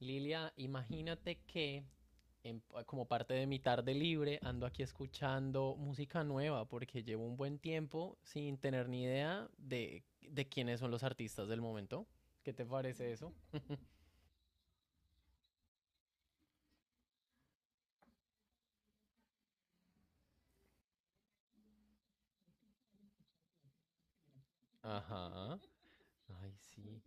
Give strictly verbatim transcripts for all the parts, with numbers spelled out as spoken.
Lilia, imagínate que en- como parte de mi tarde libre ando aquí escuchando música nueva porque llevo un buen tiempo sin tener ni idea de, de quiénes son los artistas del momento. ¿Qué te parece eso? Ajá. Ay, sí.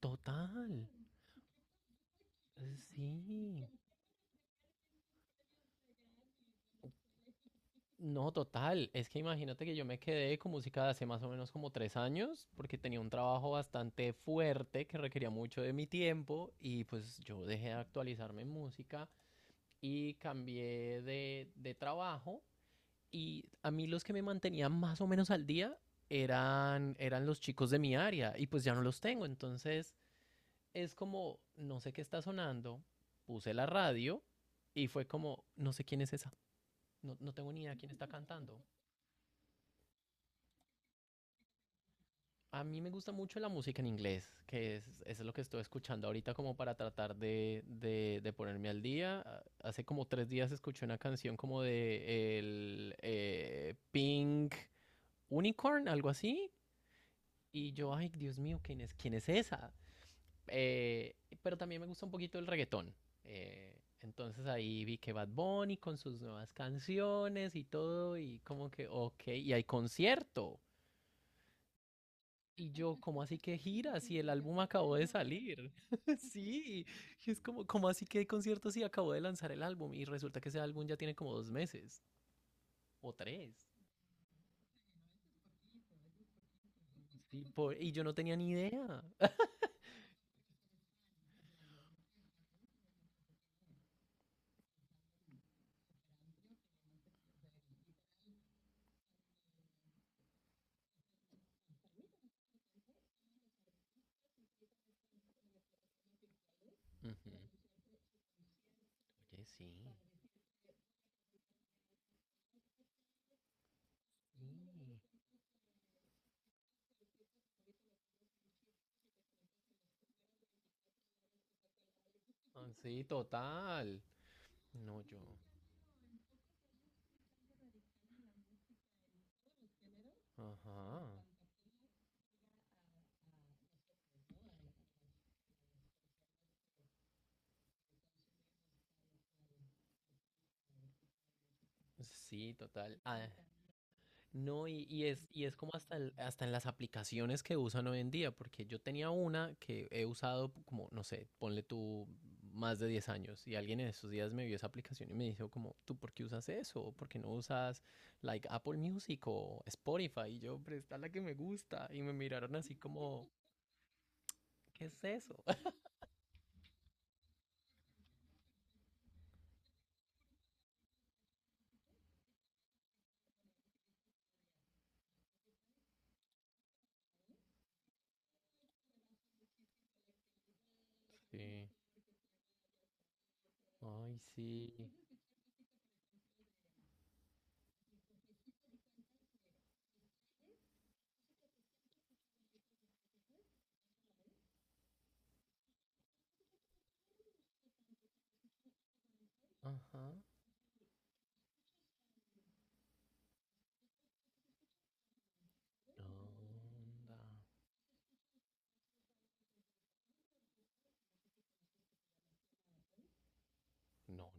Total. Sí. No, total. Es que imagínate que yo me quedé con música de hace más o menos como tres años, porque tenía un trabajo bastante fuerte que requería mucho de mi tiempo y pues yo dejé de actualizarme en música y cambié de, de trabajo, y a mí los que me mantenían más o menos al día eran, eran los chicos de mi área y pues ya no los tengo. Entonces es como, no sé qué está sonando, puse la radio y fue como, no sé quién es esa, no, no tengo ni idea quién está cantando. A mí me gusta mucho la música en inglés, que es, es lo que estoy escuchando ahorita como para tratar de, de- de ponerme al día. Ah, hace como tres días escuché una canción como de el eh, Pink Unicorn, algo así. Y yo, ay, Dios mío, ¿quién es, quién es esa? Eh, pero también me gusta un poquito el reggaetón. Eh, entonces ahí vi que Bad Bunny con sus nuevas canciones y todo, y como que, ok, y hay concierto. Y yo, ¿cómo así que gira? Si el álbum acabó de salir. Sí, y es como, ¿cómo así que hay conciertos si acabó de lanzar el álbum? Y resulta que ese álbum ya tiene como dos meses o tres. Y, po- y yo no tenía ni idea. Ujú. Oye, sí. Ah, sí, total. No, yo. Ajá. Sí, total. Ah. No, y, y es, y es como hasta, el- hasta en las aplicaciones que usan hoy en día, porque yo tenía una que he usado como, no sé, ponle tú más de diez años, y alguien en esos días me vio esa aplicación y me dijo como, ¿tú por qué usas eso? ¿O ¿Por qué no usas like Apple Music o Spotify? Y yo, pero está la que me gusta, y me miraron así como, ¿qué es eso? Sí, ay, sí, ajá, onda, no,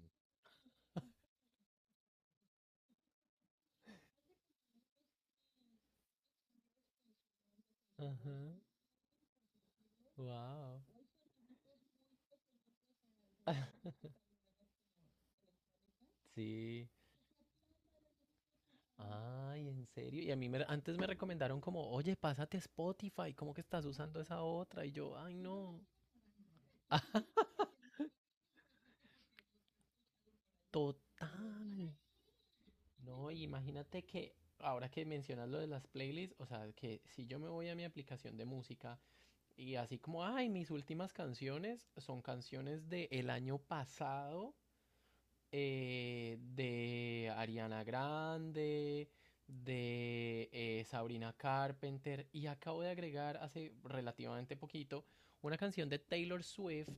ajá, wow, sí. Ay, en serio. Y a mí me- antes me recomendaron como, oye, pásate a Spotify, ¿cómo que estás usando esa otra? Y yo, ay, no, total. No, y imagínate que ahora que mencionas lo de las playlists, o sea, que si yo me voy a mi aplicación de música y así como, ay, mis últimas canciones son canciones del año pasado, eh, de Ariana Grande, de eh, Sabrina Carpenter, y acabo de agregar hace relativamente poquito una canción de Taylor Swift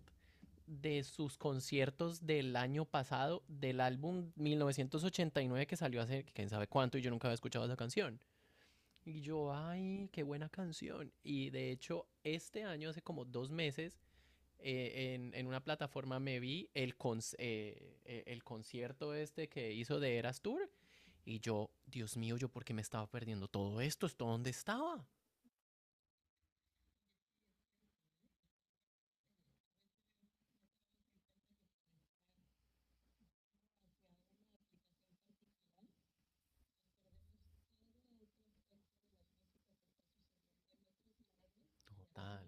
de sus conciertos del año pasado, del álbum mil novecientos ochenta y nueve, que salió hace quién sabe cuánto y yo nunca había escuchado esa canción. Y yo, ay, qué buena canción. Y de hecho, este año, hace como dos meses, eh, en, en, una plataforma, me vi el, con eh, eh, el concierto este que hizo de Eras Tour, y yo, Dios mío, yo por qué me estaba perdiendo todo esto, esto dónde estaba. Total.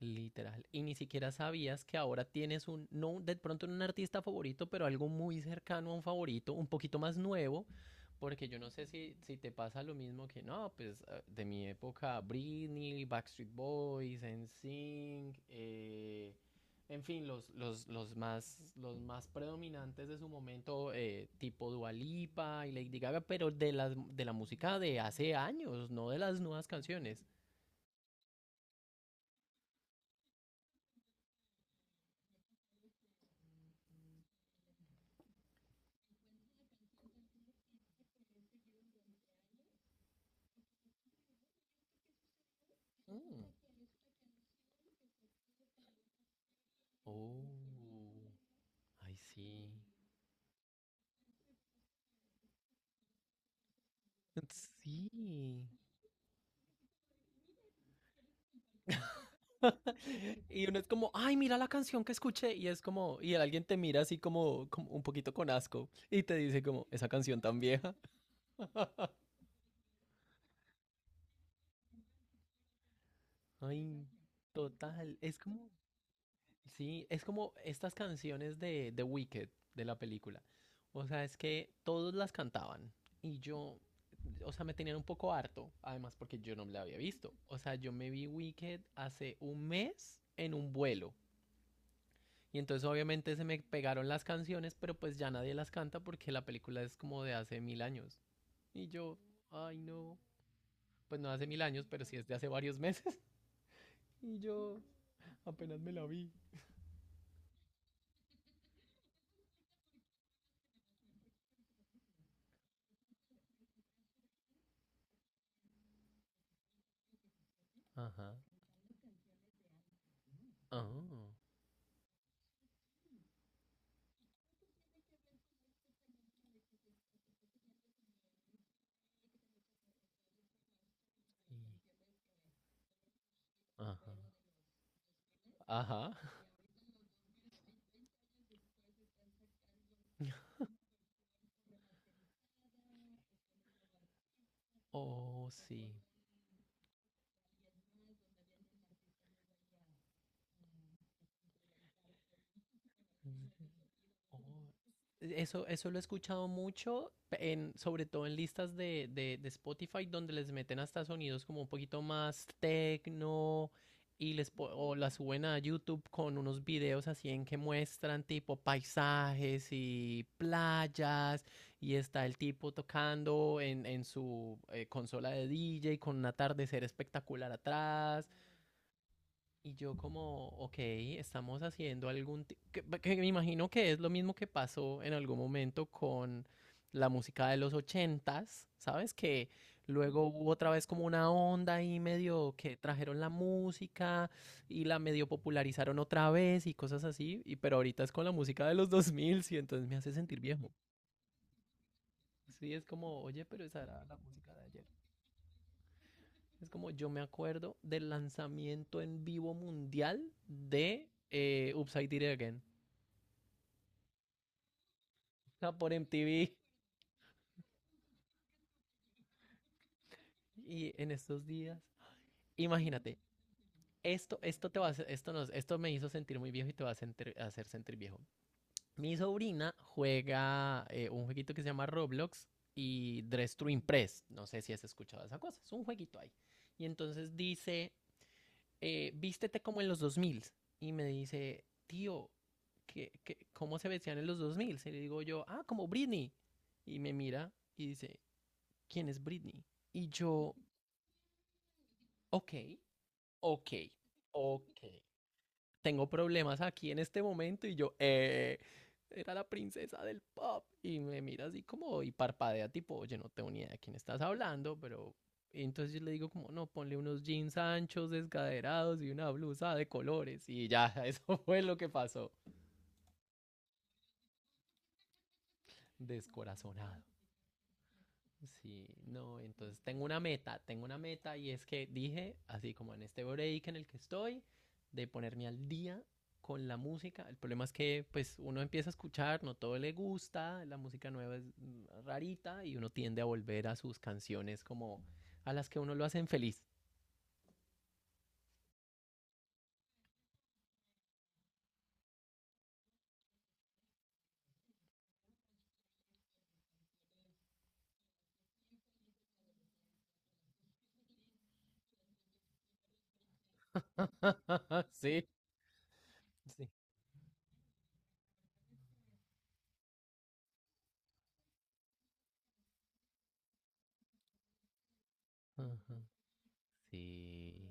Literal. Y ni siquiera sabías que ahora tienes un, no de pronto no un artista favorito, pero algo muy cercano a un favorito, un poquito más nuevo, porque yo no sé si, si te pasa lo mismo que no, pues eh, de mi época Britney, Backstreet Boys, NSYNC, eh, en fin, los, los, los más, los más predominantes de su momento, eh, tipo Dua Lipa y Lady Gaga, pero de la, de la música de hace años, no de las nuevas canciones. Mm. Oh. Ay, sí. Sí. Y uno es como, ay, mira la canción que escuché. Y es como, y alguien te mira así como, como un poquito con asco y te dice como, esa canción tan vieja. Ay, total. Es como, sí, es como estas canciones de The Wicked, de la película. O sea, es que todos las cantaban y yo, o sea, me tenían un poco harto, además porque yo no la había visto. O sea, yo me vi Wicked hace un mes en un vuelo. Y entonces obviamente se me pegaron las canciones, pero pues ya nadie las canta porque la película es como de hace mil años. Y yo, ay, no, pues no hace mil años, pero sí es de hace varios meses. Y yo apenas me la vi. Ajá. Ah, y- ajá. Ajá. Oh, sí. Mm. Oh, Eso, eso lo he escuchado mucho, pe- en, sobre todo en listas de, de, de Spotify, donde les meten hasta sonidos como un poquito más techno y les po- o las suben a YouTube con unos videos así en que muestran tipo paisajes y playas, y está el tipo tocando en, en su eh, consola de D J con un atardecer espectacular atrás, y yo como, ok, estamos haciendo algún, ti- Que, que me imagino que es lo mismo que pasó en algún momento con la música de los ochentas, ¿sabes? Que luego hubo otra vez como una onda ahí, medio que trajeron la música y la medio popularizaron otra vez y cosas así, y pero ahorita es con la música de los dos mil y entonces me hace sentir viejo. Sí, es como, oye, pero esa era la música de ayer. Es como yo me acuerdo del lanzamiento en vivo mundial de eh, Upside Down Again. O sea, por M T V y en estos días. Imagínate, esto, esto te va a hacer- esto nos, esto me hizo sentir muy viejo y te va a sentir- a hacer sentir viejo. Mi sobrina juega eh, un jueguito que se llama Roblox y Dress to Impress. No sé si has escuchado esa cosa. Es un jueguito ahí. Y entonces dice, eh, vístete como en los dos mil. Y me dice, tío, ¿qué, qué, cómo se vestían en los dos mil? Y le digo yo, ah, como Britney. Y me mira y dice, ¿quién es Britney? Y yo, ok, ok, ok, tengo problemas aquí en este momento, y yo, eh, era la princesa del pop, y me mira así como y parpadea tipo, oye, no tengo ni idea de quién estás hablando, pero, y entonces yo le digo como, no, ponle unos jeans anchos, descaderados y una blusa de colores y ya, eso fue lo que pasó, descorazonado. Sí, no, entonces tengo una meta, tengo una meta y es que dije, así como en este break en el que estoy, de ponerme al día con la música. El problema es que pues uno empieza a escuchar, no todo le gusta, la música nueva es mm, rarita y uno tiende a volver a sus canciones como a las que uno lo hacen feliz. Sí, sí. Ajá, sí,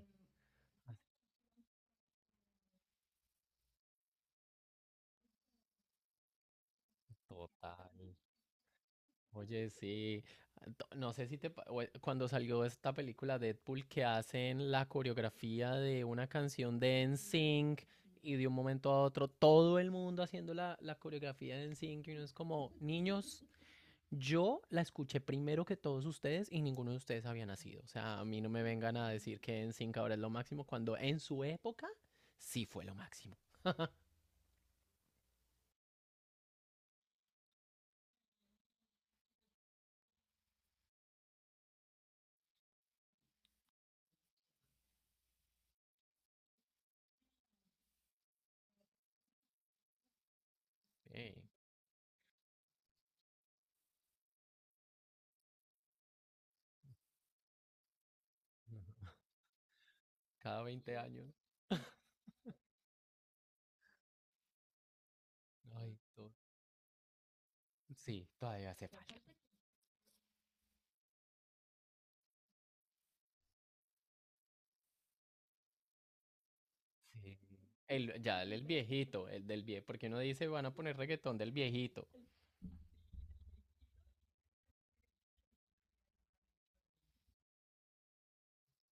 total. Oye, sí, to- no sé si te. pa- o- eh, Cuando salió esta película Deadpool que hacen la coreografía de una canción de NSYNC, y de un momento a otro todo el mundo haciendo la, la coreografía de NSYNC y uno es como, niños, yo la escuché primero que todos ustedes y ninguno de ustedes había nacido. O sea, a mí no me vengan a decir que NSYNC ahora es lo máximo cuando en su época sí fue lo máximo. Ey, ujú. Cada veinte años. Ay, to- Sí, todavía hace falta. Sí. El, ya, el, el viejito, el del viejo, porque uno dice, van a poner reggaetón del viejito.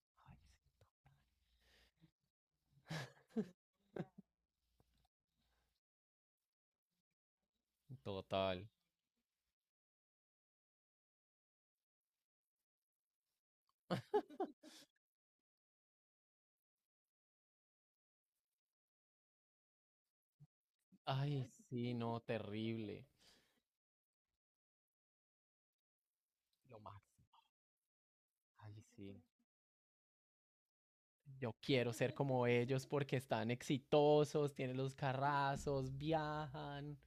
Ay, sí, total. Ay, sí, no, terrible. Lo máximo. Ay, sí. Yo quiero ser como ellos porque están exitosos, tienen los carrazos, viajan.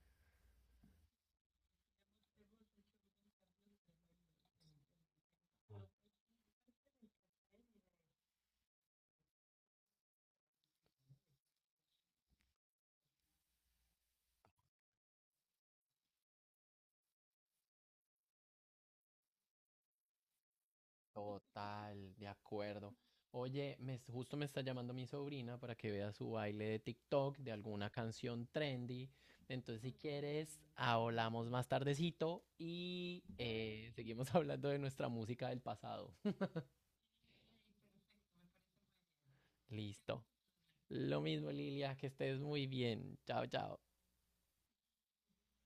Total, de acuerdo. Oye, me, justo me está llamando mi sobrina para que vea su baile de TikTok de alguna canción trendy. Entonces, si quieres, hablamos más tardecito y eh, seguimos hablando de nuestra música del pasado. Listo. Lo mismo, Lilia, que estés muy bien. Chao, chao.